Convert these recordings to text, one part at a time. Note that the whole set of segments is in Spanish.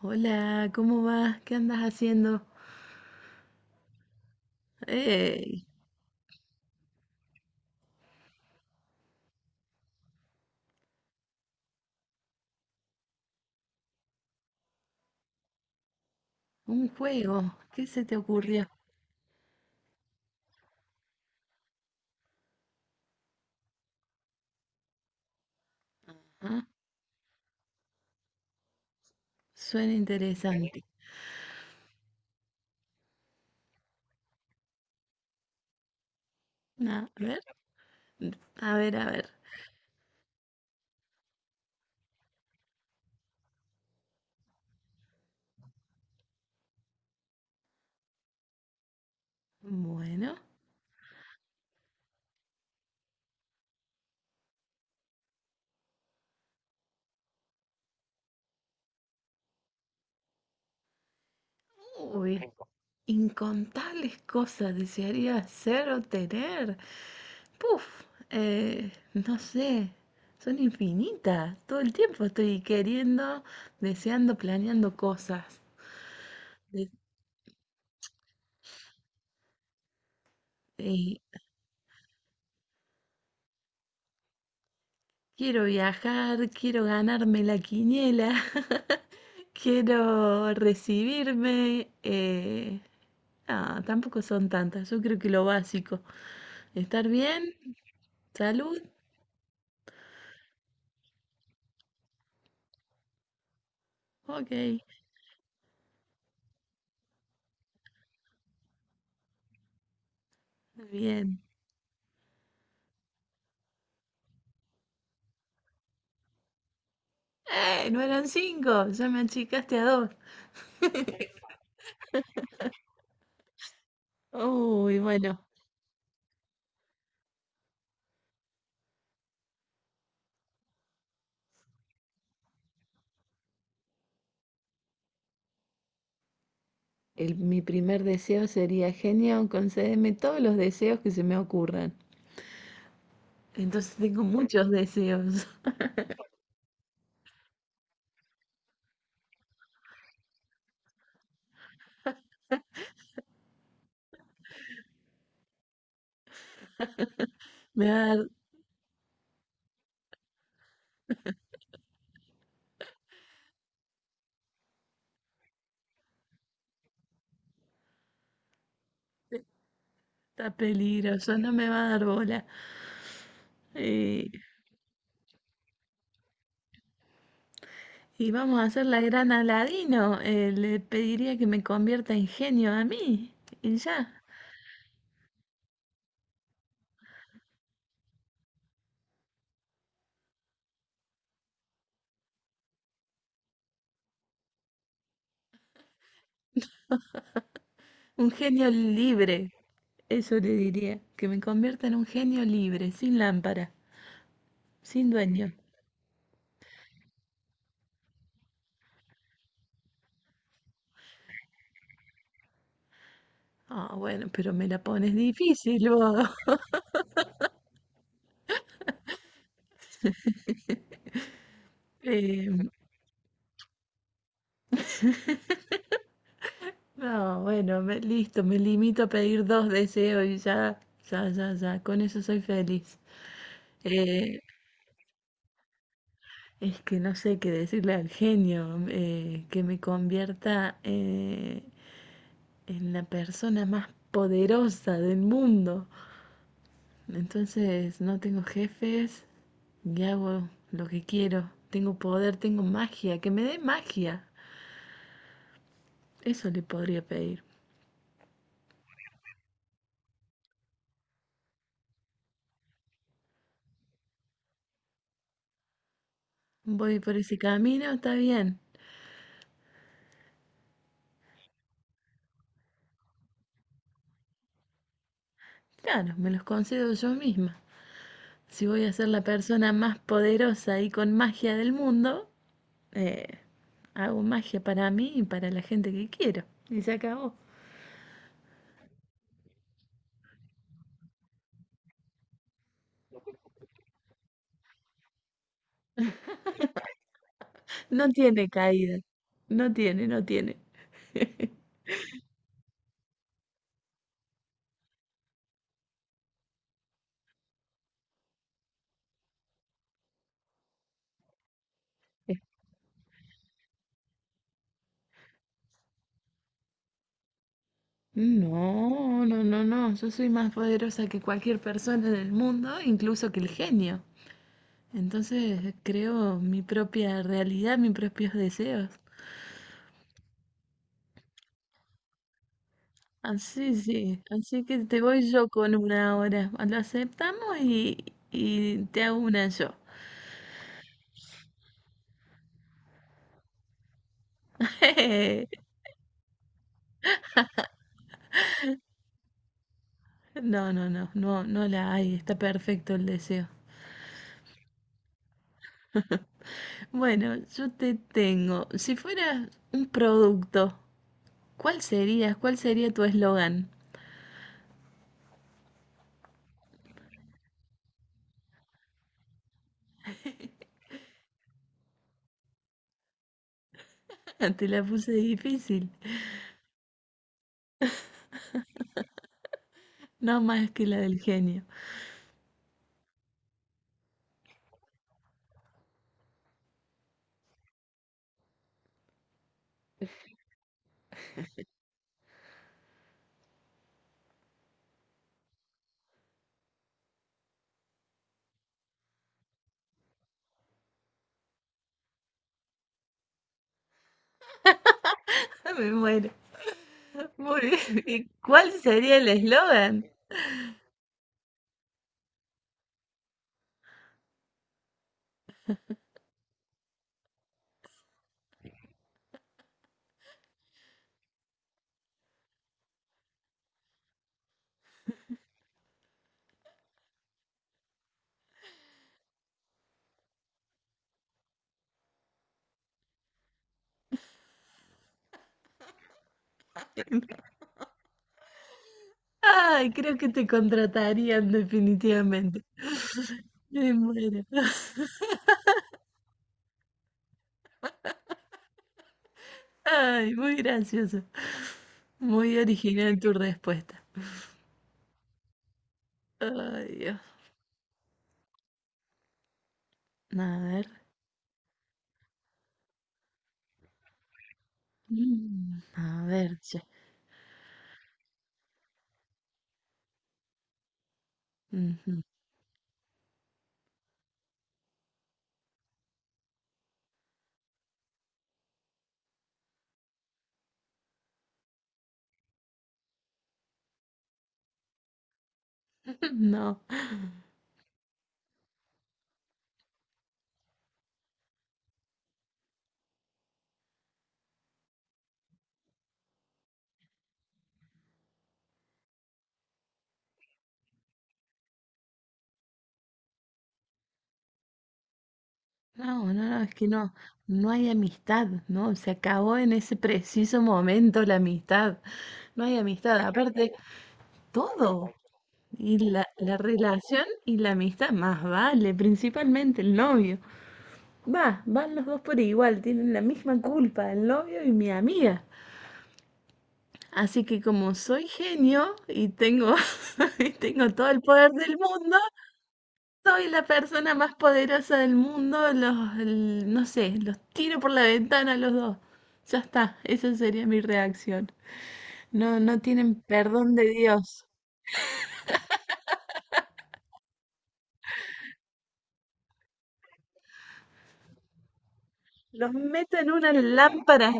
Hola, ¿cómo vas? ¿Qué andas haciendo? ¡Ey! Un juego. ¿Qué se te ocurrió? Ah, suena interesante. A ver, a ver, a ver. Bueno. Uy, incontables cosas desearía hacer o tener. Puf, no sé. Son infinitas. Todo el tiempo estoy queriendo, deseando, planeando cosas. De- eh, quiero viajar, quiero ganarme la quiniela. Quiero recibirme. Ah, tampoco son tantas. Yo creo que lo básico. Estar bien, salud. Ok, bien. ¡Eh! No eran cinco. Ya me achicaste a dos. Uy, bueno. Mi primer deseo sería, genio, concédeme todos los deseos que se me ocurran. Entonces tengo muchos deseos. Me va a dar, está peligroso, no me va a dar bola. Eh, Y vamos a hacer la gran Aladino. Le pediría que me convierta en genio a mí. Y ya, un genio libre. Eso le diría, que me convierta en un genio libre, sin lámpara, sin dueño. Ah, bueno, pero me la pones difícil vos. Eh, no, bueno, listo, me limito a pedir dos deseos y ya, ya, ya, ya, con eso soy feliz. Eh, es que no sé qué decirle al genio, que me convierta, en la persona más poderosa del mundo. Entonces no tengo jefes y hago lo que quiero. Tengo poder, tengo magia, que me dé magia. Eso le podría pedir. Voy por ese camino, está bien. Claro, me los concedo yo misma. Si voy a ser la persona más poderosa y con magia del mundo, eh, hago magia para mí y para la gente que quiero. Y se acabó. No tiene caída. No tiene, no tiene. No, no, no, no. Yo soy más poderosa que cualquier persona en el mundo, incluso que el genio. Entonces creo mi propia realidad, mis propios deseos. Así, sí. Así que te voy yo con una ahora. Lo aceptamos y te hago una yo. No, no, no, no, no la hay. Está perfecto el deseo. Bueno, yo te tengo. Si fueras un producto, ¿cuál serías? ¿Cuál sería tu eslogan? Te la puse difícil, no más que la del genio. Me muero. Muy bien. ¿Y cuál sería el eslogan? Ay, creo que te contratarían definitivamente. Me muero. Ay, muy gracioso. Muy original tu respuesta. Ay, Dios. A ver. Mm, a ver, che. Ujú. No. No, no, no, es que no, no hay amistad, ¿no? Se acabó en ese preciso momento la amistad. No hay amistad, aparte, todo. Y la relación y la amistad, más vale, principalmente el novio. Va, van los dos por igual, tienen la misma culpa, el novio y mi amiga. Así que como soy genio y tengo, y tengo todo el poder del mundo, soy la persona más poderosa del mundo, no sé, los tiro por la ventana a los dos. Ya está, esa sería mi reacción. No, no tienen perdón de Dios. Los meto en una lámpara,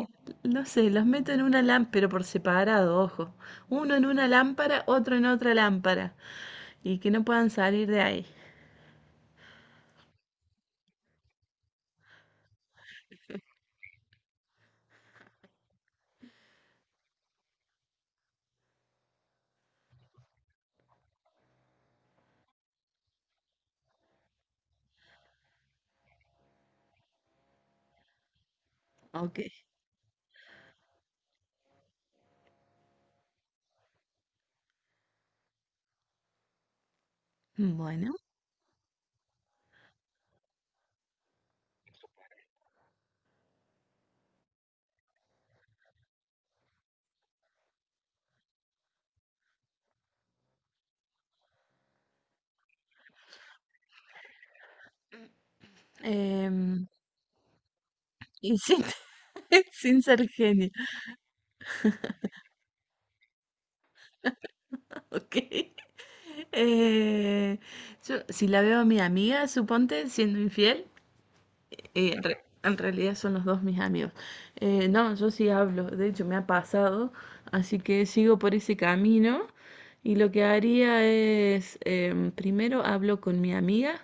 no sé, los meto en una lámpara, pero por separado, ojo. Uno en una lámpara, otro en otra lámpara, y que no puedan salir de ahí. Ok, bueno. em, y sin, sin ser genio. Ok. Eh, yo, si la veo a mi amiga, suponte, siendo infiel, en realidad son los dos mis amigos. No, yo sí hablo, de hecho me ha pasado, así que sigo por ese camino y lo que haría es, primero hablo con mi amiga,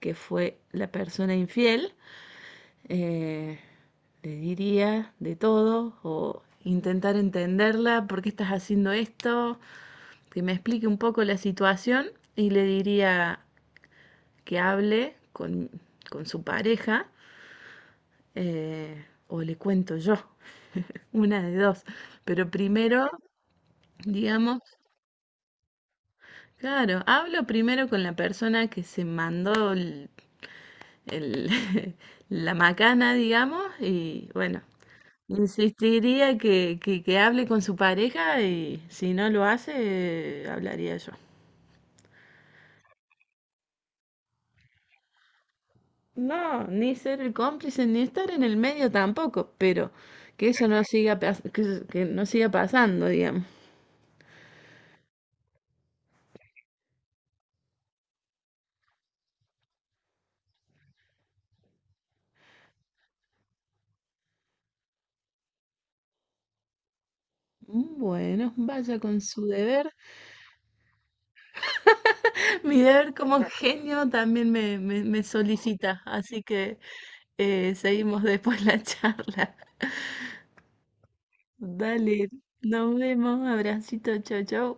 que fue la persona infiel, eh, le diría de todo o intentar entenderla, ¿por qué estás haciendo esto? Que me explique un poco la situación y le diría que hable con su pareja, o le cuento yo, una de dos. Pero primero, digamos, claro, hablo primero con la persona que se mandó el- la macana, digamos, y bueno, insistiría que hable con su pareja y si no lo hace, hablaría yo. No, ni ser el cómplice, ni estar en el medio tampoco, pero que eso no siga, que no siga pasando, digamos. Bueno, vaya con su deber. Mi deber como genio también me solicita, así que seguimos después la charla. Dale, nos vemos, abracito, chau, chau.